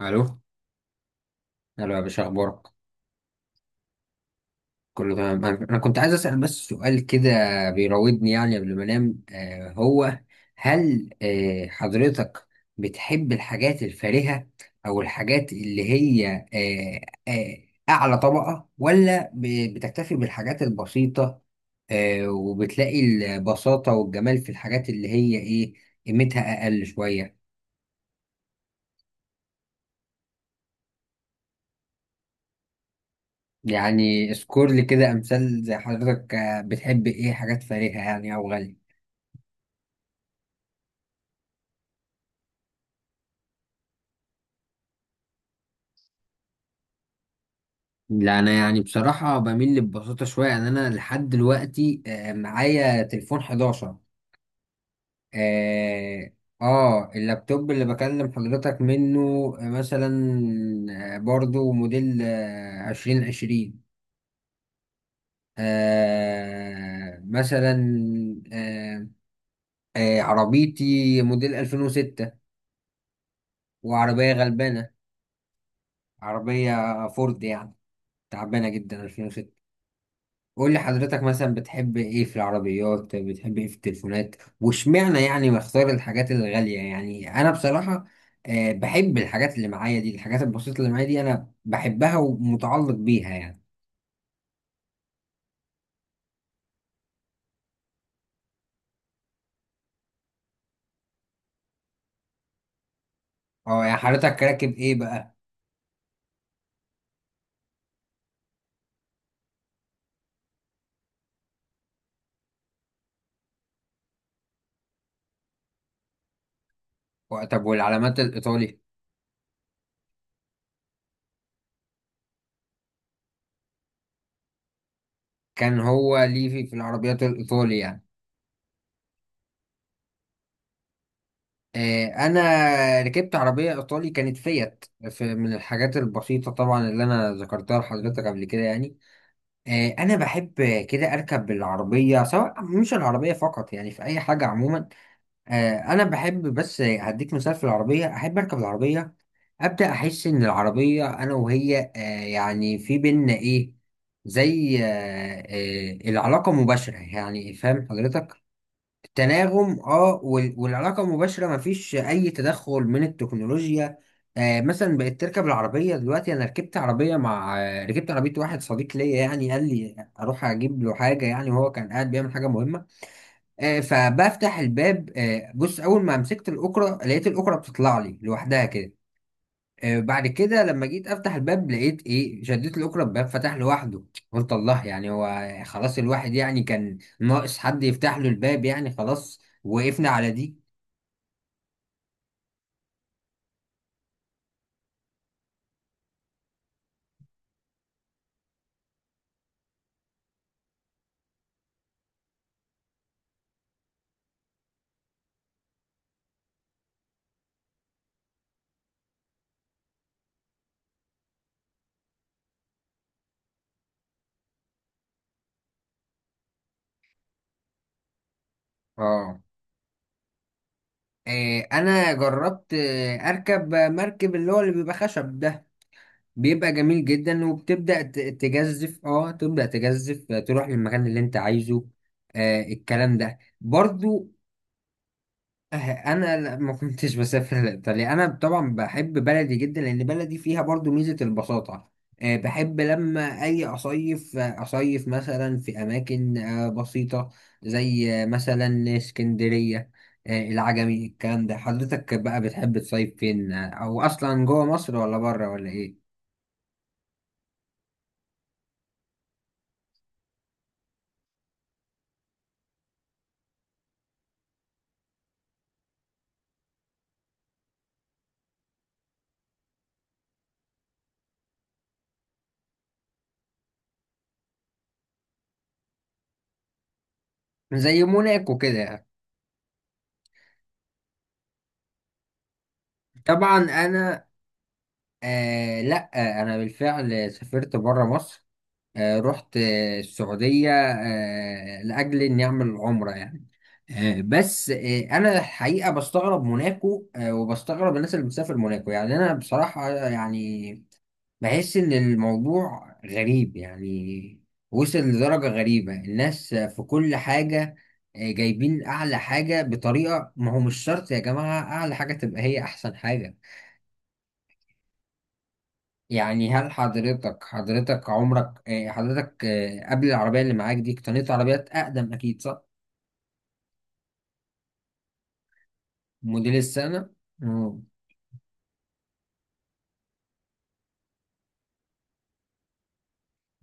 الو. الو يا باشا، اخبارك؟ كله تمام. أنا كنت عايز اسال بس سؤال كده بيراودني يعني قبل ما انام. هو هل حضرتك بتحب الحاجات الفارهه او الحاجات اللي هي آه آه اعلى طبقه، ولا بتكتفي بالحاجات البسيطه، وبتلاقي البساطه والجمال في الحاجات اللي هي ايه، قيمتها اقل شويه؟ يعني اذكر لي كده امثال، زي حضرتك بتحب ايه حاجات فارهه يعني او غاليه؟ لا انا يعني بصراحه بميل لببساطه شويه. يعني انا لحد دلوقتي معايا تليفون 11. اه. اللابتوب اللي بكلم حضرتك منه مثلا برضو موديل عشرين عشرين. مثلا آه، عربيتي موديل 2006، وعربية غلبانة، عربية فورد يعني، تعبانة جدا، 2006. قول لي حضرتك مثلا بتحب ايه في العربيات، بتحب ايه في التليفونات، واشمعنى يعني بختار الحاجات الغالية؟ يعني انا بصراحة بحب الحاجات اللي معايا دي، الحاجات البسيطة اللي معايا دي انا بحبها ومتعلق بيها يعني. اه يعني حضرتك راكب ايه بقى؟ طب والعلامات الايطالي؟ كان هو ليه في العربيات الايطالي يعني؟ انا ركبت عربية ايطالي، كانت فيت، في من الحاجات البسيطة طبعا اللي انا ذكرتها لحضرتك قبل كده يعني. انا بحب كده اركب بالعربيه، سواء مش العربيه فقط يعني، في اي حاجه عموما. انا بحب بس هديك مثال في العربيه، احب اركب العربيه ابدا، احس ان العربيه انا وهي يعني في بينا ايه، زي العلاقه مباشره يعني، فاهم حضرتك؟ تناغم، اه. والعلاقة مباشرة، مفيش أي تدخل من التكنولوجيا. مثلا بقيت تركب العربية دلوقتي. أنا ركبت عربية مع ركبت عربية واحد صديق ليا يعني، قال لي أروح أجيب له حاجة يعني، وهو كان قاعد بيعمل حاجة مهمة. فبفتح الباب. بص، أول ما مسكت الأكرة، لقيت الأكرة بتطلع لي لوحدها كده. بعد كده لما جيت افتح الباب، لقيت ايه، شديت الاكرة الباب فتح لوحده. قلت الله، يعني هو خلاص الواحد يعني كان ناقص حد يفتح له الباب يعني، خلاص وقفنا على دي. اه. انا جربت اركب مركب اللي هو اللي بيبقى خشب ده، بيبقى جميل جدا، وبتبدأ تجزف، اه تبدأ تجزف تروح للمكان اللي انت عايزه. الكلام ده برضو. أه، انا ما كنتش بسافر لايطاليا. انا طبعا بحب بلدي جدا، لان بلدي فيها برضو ميزه البساطه. بحب لما اجي اصيف اصيف مثلا في اماكن بسيطه، زي مثلا اسكندريه العجمي، الكلام ده. حضرتك بقى بتحب تصيف فين او اصلا جوه مصر ولا بره ولا ايه؟ زي موناكو كده يعني. طبعا انا، لا انا بالفعل سافرت بره مصر. رحت السعودية لأجل إني أعمل عمرة يعني. بس أنا الحقيقة بستغرب موناكو وبستغرب الناس اللي بتسافر موناكو. يعني أنا بصراحة يعني بحس إن الموضوع غريب يعني، وصل لدرجة غريبة. الناس في كل حاجة جايبين أعلى حاجة بطريقة، ما هو مش شرط يا جماعة أعلى حاجة تبقى هي أحسن حاجة. يعني هل حضرتك عمرك حضرتك قبل العربية اللي معاك دي اقتنيت عربيات أقدم، أكيد صح؟ موديل السنة؟ مم.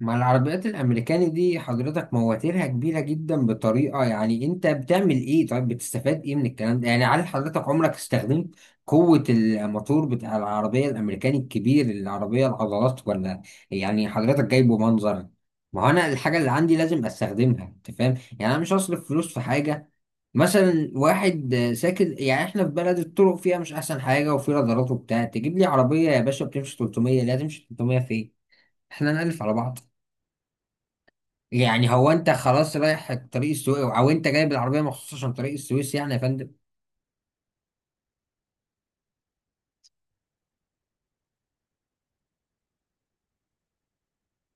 ما العربيات الأمريكاني دي حضرتك مواتيرها كبيرة جدا بطريقة، يعني أنت بتعمل إيه؟ طيب بتستفاد إيه من الكلام ده؟ يعني هل حضرتك عمرك استخدمت قوة الموتور بتاع العربية الأمريكاني الكبير، العربية العضلات، ولا يعني حضرتك جايبه منظر؟ ما هو أنا الحاجة اللي عندي لازم أستخدمها، أنت فاهم؟ يعني أنا مش هصرف فلوس في حاجة. مثلا واحد ساكن، يعني احنا في بلد الطرق فيها مش احسن حاجه، وفي رادارات وبتاع، تجيب لي عربيه يا باشا بتمشي 300. لا، تمشي 300 فين؟ احنا نألف على بعض. يعني هو انت خلاص رايح طريق السويس، او انت جايب العربيه مخصوص عشان طريق السويس يعني يا فندم؟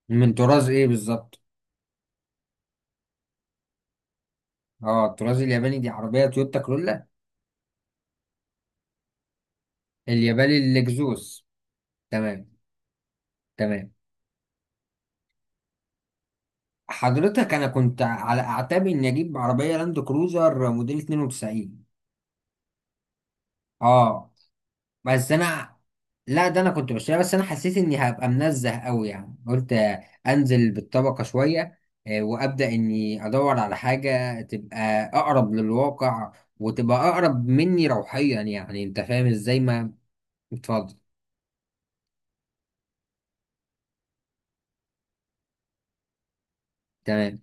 من طراز ايه بالظبط؟ اه الطراز الياباني دي عربيه تويوتا كرولا؟ الياباني الاكزوس. تمام. تمام. حضرتك انا كنت على اعتاب اني اجيب عربيه لاند كروزر موديل 92. اه. بس انا، لا ده انا كنت بشتريها، بس انا حسيت اني هبقى منزه قوي يعني. قلت انزل بالطبقه شويه وابدا اني ادور على حاجه تبقى اقرب للواقع، وتبقى اقرب مني روحيا، يعني انت فاهم ازاي؟ ما اتفضل. تمام.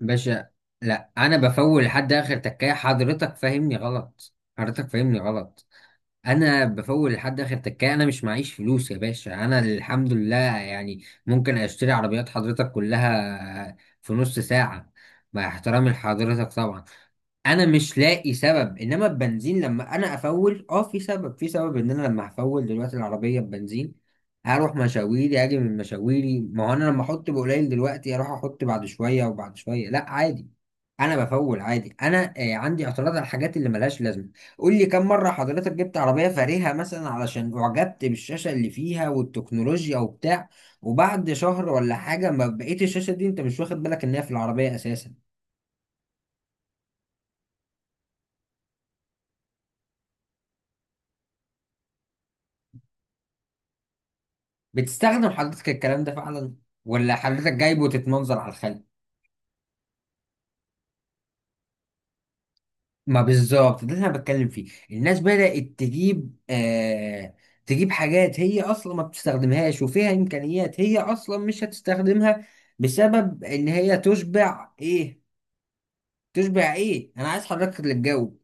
باشا، لا انا بفول لحد اخر تكايه. حضرتك فاهمني غلط، حضرتك فاهمني غلط. انا بفول لحد اخر تكايه. انا مش معيش فلوس يا باشا، انا الحمد لله يعني ممكن اشتري عربيات حضرتك كلها في نص ساعه. مع احترامي لحضرتك طبعا. انا مش لاقي سبب، انما البنزين لما انا افول، اه في سبب. في سبب ان انا لما هفول دلوقتي العربيه ببنزين هروح مشاويري اجي من مشاويري، ما هو انا لما احط بقليل دلوقتي اروح احط بعد شويه وبعد شويه، لا عادي. انا بفول عادي. انا عندي اعتراض على الحاجات اللي ملهاش لازمه. قول لي كم مرة حضرتك جبت عربية فارهة مثلا علشان أعجبت بالشاشة اللي فيها والتكنولوجيا وبتاع، وبعد شهر ولا حاجة ما بقيت الشاشة دي، أنت مش واخد بالك إن هي في العربية أساسا؟ بتستخدم حضرتك الكلام ده فعلا، ولا حضرتك جايبه تتمنظر على الخلق؟ ما بالظبط ده اللي أنا بتكلم فيه. الناس بدأت تجيب تجيب حاجات هي أصلا ما بتستخدمهاش، وفيها إمكانيات هي أصلا مش هتستخدمها، بسبب إن هي تشبع إيه، تشبع إيه؟ أنا عايز حضرتك اللي تجاوب.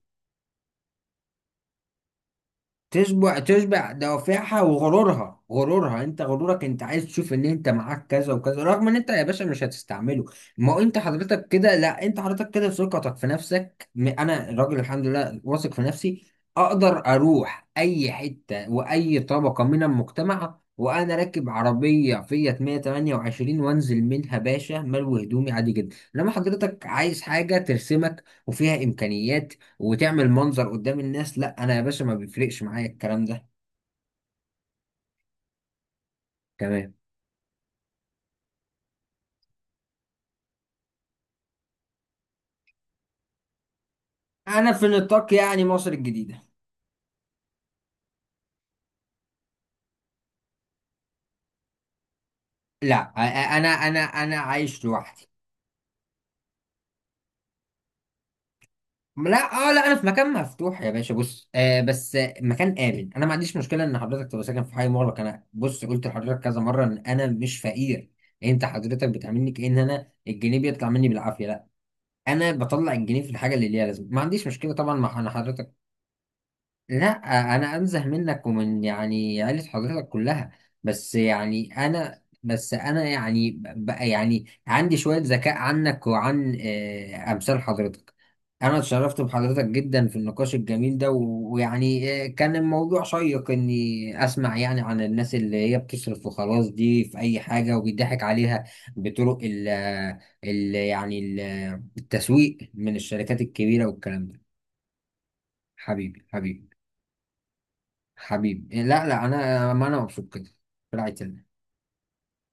تشبع، تشبع دوافعها وغرورها. غرورها، انت غرورك، انت عايز تشوف ان انت معاك كذا وكذا، رغم ان انت يا باشا مش هتستعمله. ما هو انت حضرتك كده، لا انت حضرتك كده ثقتك في نفسك انا راجل الحمد لله واثق في نفسي. اقدر اروح اي حتة واي طبقة من المجتمع وانا راكب عربية فيات 128 وانزل منها باشا ملوي هدومي عادي جدا، انما حضرتك عايز حاجة ترسمك وفيها امكانيات وتعمل منظر قدام الناس. لا انا يا باشا ما بيفرقش معايا الكلام ده. تمام. انا في نطاق يعني مصر الجديدة. لا، انا، انا عايش لوحدي. لا اه لا، انا في مكان مفتوح يا باشا. بص بس مكان امن. انا ما عنديش مشكله ان حضرتك تبقى ساكن في حي مغلق. انا بص قلت لحضرتك كذا مره ان انا مش فقير. انت حضرتك بتعاملني كأن انا الجنيه بيطلع مني بالعافيه. لا، انا بطلع الجنيه في الحاجه اللي ليها لازمه، ما عنديش مشكله طبعا مع انا حضرتك. لا انا انزه منك ومن يعني عيلة حضرتك كلها. بس يعني انا بس انا يعني بقى يعني عندي شوية ذكاء عنك وعن امثال حضرتك. انا اتشرفت بحضرتك جدا في النقاش الجميل ده، ويعني كان الموضوع شيق اني اسمع يعني عن الناس اللي هي بتصرف وخلاص دي في اي حاجة وبيضحك عليها بطرق التسويق من الشركات الكبيرة والكلام ده. حبيبي، حبيبي، حبيبي، لا لا انا، ما انا مبسوط كده. في رعاية الله.